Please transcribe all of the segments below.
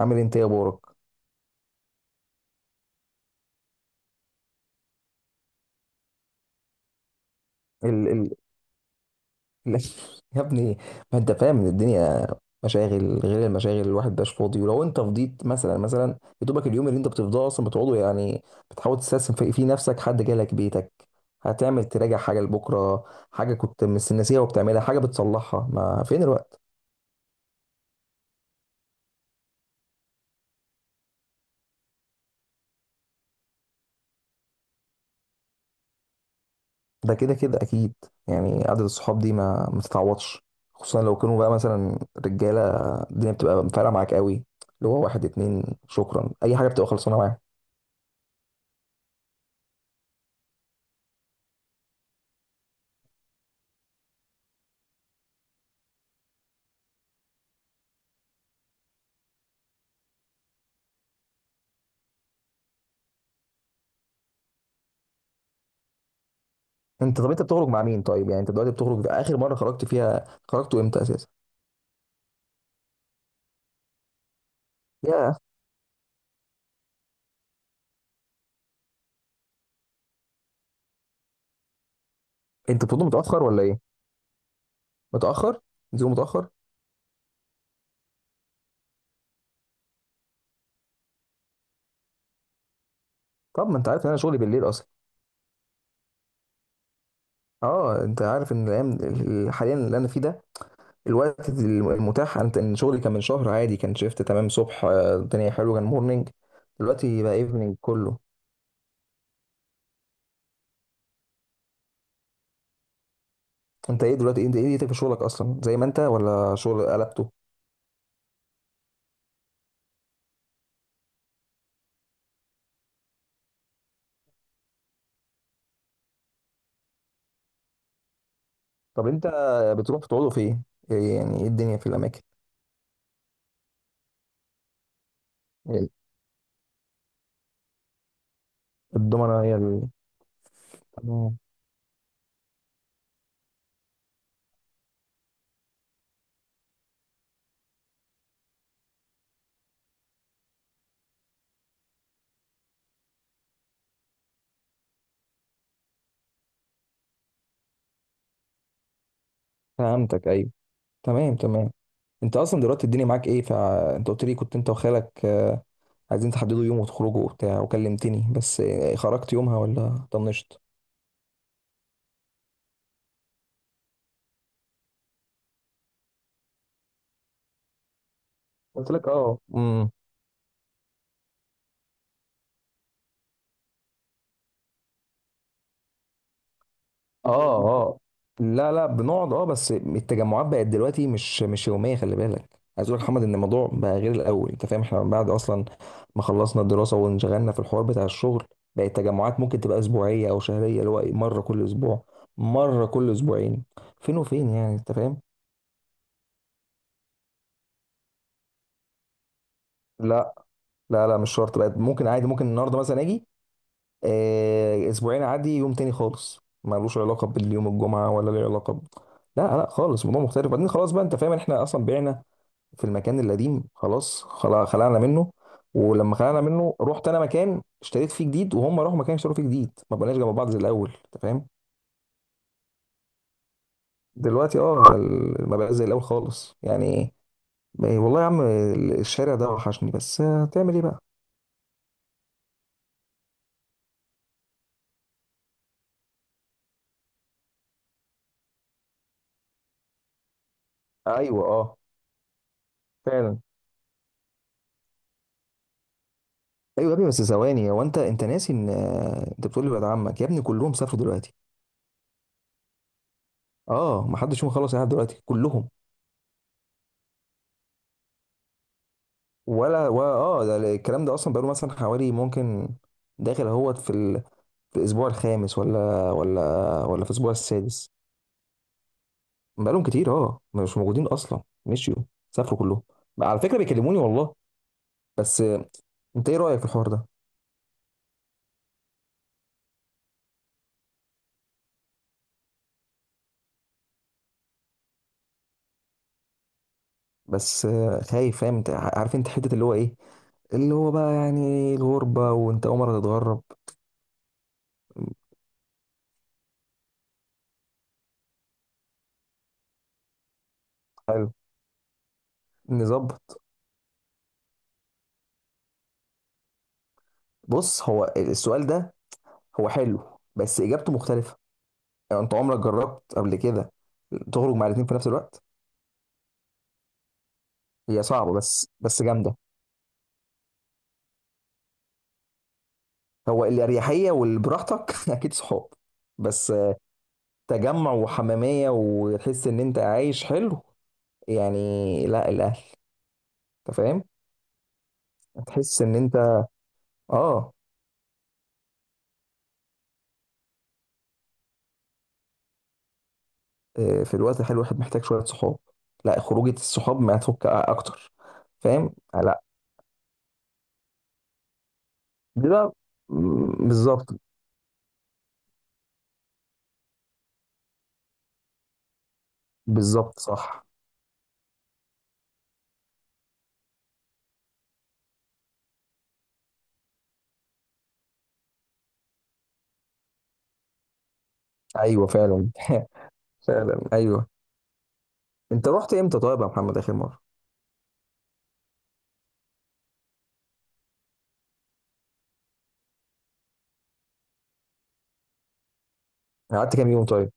عامل انت ايه يا بورك؟ ال ال ال- يا ابني، ما انت فاهم ان الدنيا مشاغل غير المشاغل، الواحد مبقاش فاضي. ولو انت فضيت مثلا، يا دوبك اليوم اللي انت بتفضاه اصلا بتقعده، يعني بتحاول تستثمر في نفسك. حد جالك بيتك، هتعمل تراجع حاجه لبكره، حاجه كنت ناسيها وبتعملها، حاجه بتصلحها، ما فين الوقت؟ ده كده كده اكيد. يعني قعده الصحاب دي ما تتعوضش، خصوصا لو كانوا بقى مثلا رجاله، الدنيا بتبقى فارقه معاك قوي. اللي هو واحد اتنين شكرا، اي حاجه بتبقى خلصانه معاك. طب انت بتخرج مع مين طيب؟ يعني انت دلوقتي بتخرج؟ في اخر مره خرجت فيها، خرجتوا امتى اساسا؟ يا انت بتقول متاخر ولا ايه؟ متاخر؟ بتقول متاخر؟ طب ما انت عارف ان انا شغلي بالليل اصلا. اه، انت عارف ان الايام حاليا اللي انا فيه ده، الوقت المتاح، انت ان شغلي كان من شهر عادي كان شيفت تمام صبح، الدنيا حلوه، كان مورنينج. دلوقتي بقى ايفنينج كله. انت ايه دلوقتي؟ انت ايه دنيتك في شغلك اصلا؟ زي ما انت، ولا شغل قلبته؟ طب انت بتروح بتقعدوا فين؟ إيه يعني ايه الدنيا في الاماكن؟ الضمنه هي ال... فهمتك، ايوه. تمام، تمام. انت اصلا دلوقتي الدنيا معاك ايه؟ فانت قلت لي كنت انت وخالك، عايزين تحددوا يوم وتخرجوا وبتاع، وكلمتني. بس خرجت يومها ولا طنشت؟ قلت لك اه، امم. اه اه. لا، لا، بنقعد، اه، بس التجمعات بقت دلوقتي مش يوميه. خلي بالك، عايز اقول لك يا محمد ان الموضوع بقى غير الاول، انت فاهم؟ احنا من بعد اصلا ما خلصنا الدراسه وانشغلنا في الحوار بتاع الشغل، بقت التجمعات ممكن تبقى اسبوعيه او شهريه، اللي هو مره كل اسبوع، مره كل اسبوعين، فين وفين، يعني انت فاهم؟ لا، لا، لا، مش شرط بقى، ممكن عادي، ممكن النهارده مثلا اجي، اسبوعين عادي، يوم تاني خالص ملوش علاقه باليوم الجمعه، ولا له علاقه ب... لا، لا خالص، الموضوع مختلف. بعدين خلاص بقى، انت فاهم، احنا اصلا بعنا في المكان القديم، خلاص خلعنا منه. ولما خلعنا منه، رحت انا مكان اشتريت فيه جديد، وهم راحوا مكان اشتروا فيه جديد، ما بقناش جنب بعض زي الاول، انت فاهم؟ دلوقتي اه، ما بقاش زي الاول خالص يعني. والله يا عم، الشارع ده وحشني، بس هتعمل ايه بقى. ايوه، اه، فعلا. ايوه يا ابني، بس ثواني، هو انت ناسي ان انت بتقول لي ولاد عمك يا ابني كلهم سافروا دلوقتي. اه، ما حدش فيهم خلص قاعد دلوقتي، كلهم. ولا اه، ده الكلام ده اصلا بقاله مثلا حوالي، ممكن داخل اهوت في ال... في الاسبوع الخامس، ولا ولا، ولا في الاسبوع السادس؟ بقالهم كتير، اه، مش موجودين اصلا، مشيوا، سافروا كلهم. على فكره بيكلموني والله. بس انت ايه رايك في الحوار ده؟ بس خايف، فاهم؟ انت عارف، انت حته اللي هو ايه، اللي هو بقى يعني الغربه، وانت اول مره تتغرب. حلو، نظبط. بص، هو السؤال ده هو حلو، بس اجابته مختلفه. يعني انت عمرك جربت قبل كده تخرج مع الاثنين في نفس الوقت؟ هي صعبه، بس جامده. هو الاريحيه والبراحتك اكيد صحاب. بس تجمع وحماميه، وتحس ان انت عايش حلو يعني، لا الاهل. انت فاهم؟ تحس ان انت، اه، في الوقت الحلو الواحد محتاج شويه صحاب، لا خروجه الصحاب ما تفك اكتر. فاهم؟ لا، ده بالظبط. بالظبط، صح. ايوه، فعلا فعلا، ايوه. انت رحت امتى طيب يا محمد اخر مره؟ يعني قعدت كام يوم طيب؟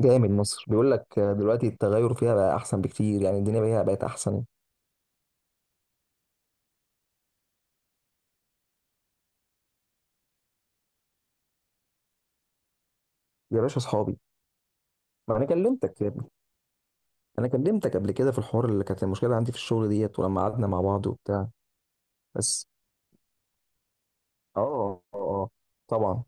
جامد، مصر بيقول لك، دلوقتي التغير فيها بقى احسن بكتير، يعني الدنيا فيها بقت احسن. يا باشا، اصحابي. ما انا كلمتك يا ابني، انا كلمتك قبل كده في الحوار اللي كانت المشكله عندي في الشغل ديت، ولما قعدنا مع بعض وبتاع. بس اه، اه، طبعا.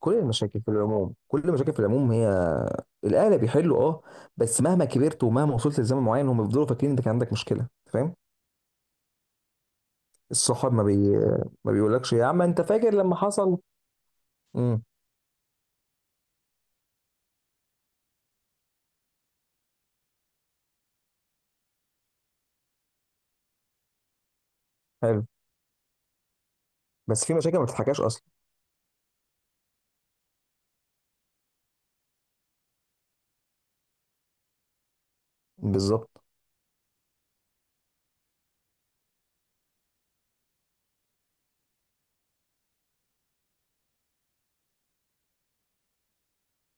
كل المشاكل في العموم، كل المشاكل في العموم، هي الاهل بيحلوا، اه، بس مهما كبرت ومهما وصلت لزمن معين، هم بيفضلوا فاكرين انك عندك مشكله، فاهم؟ الصحاب ما بيقولكش يا عم انت فاكر لما حصل. امم. حلو، بس في مشاكل ما بتتحكاش اصلا. بالظبط.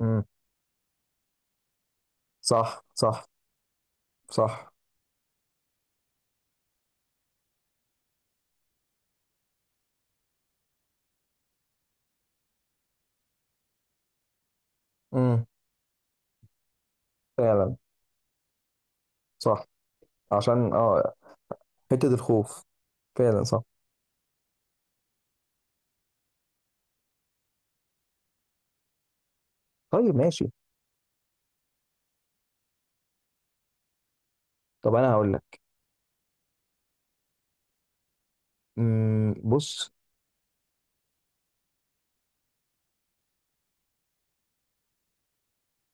امم. صح، صح. صح. امم، فعلا. صح، عشان حته الخوف. فعلا، صح. طيب، ماشي. طب انا هقول لك. بص.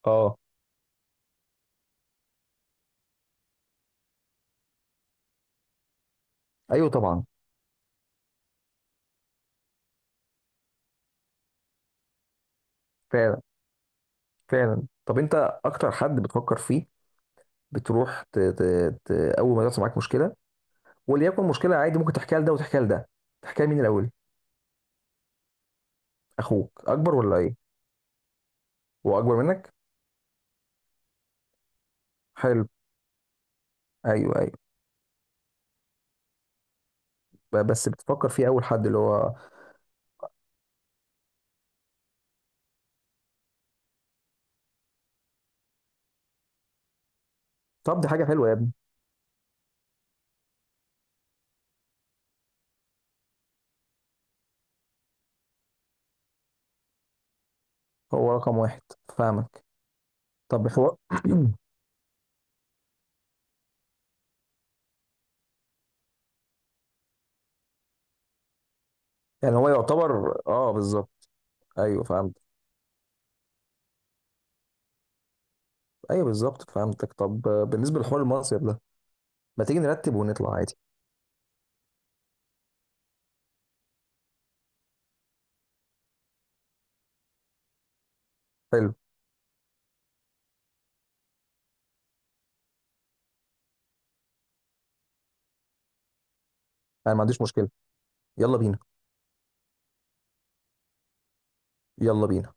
اه. ايوه، طبعا. فعلا، فعلا. طب انت، اكتر حد بتفكر فيه، بتروح اول ما يحصل معاك مشكله، وليكن مشكله عادي ممكن تحكيها لده وتحكيها لده، تحكيها لمين الاول؟ اخوك اكبر ولا ايه؟ هو اكبر منك؟ حلو. ايوه، ايوه. بس بتفكر فيه اول حد، اللي هو. طب دي حاجه حلوه يا ابني. هو رقم واحد. فاهمك. طب هو يعني هو يعتبر، اه، بالظبط. ايوه، فهمت. ايوه، بالظبط، فهمتك. طب بالنسبه لحوار المصيف ده، ما تيجي نرتب ونطلع عادي. حلو. انا ما عنديش مشكله. يلا بينا. يلا بينا.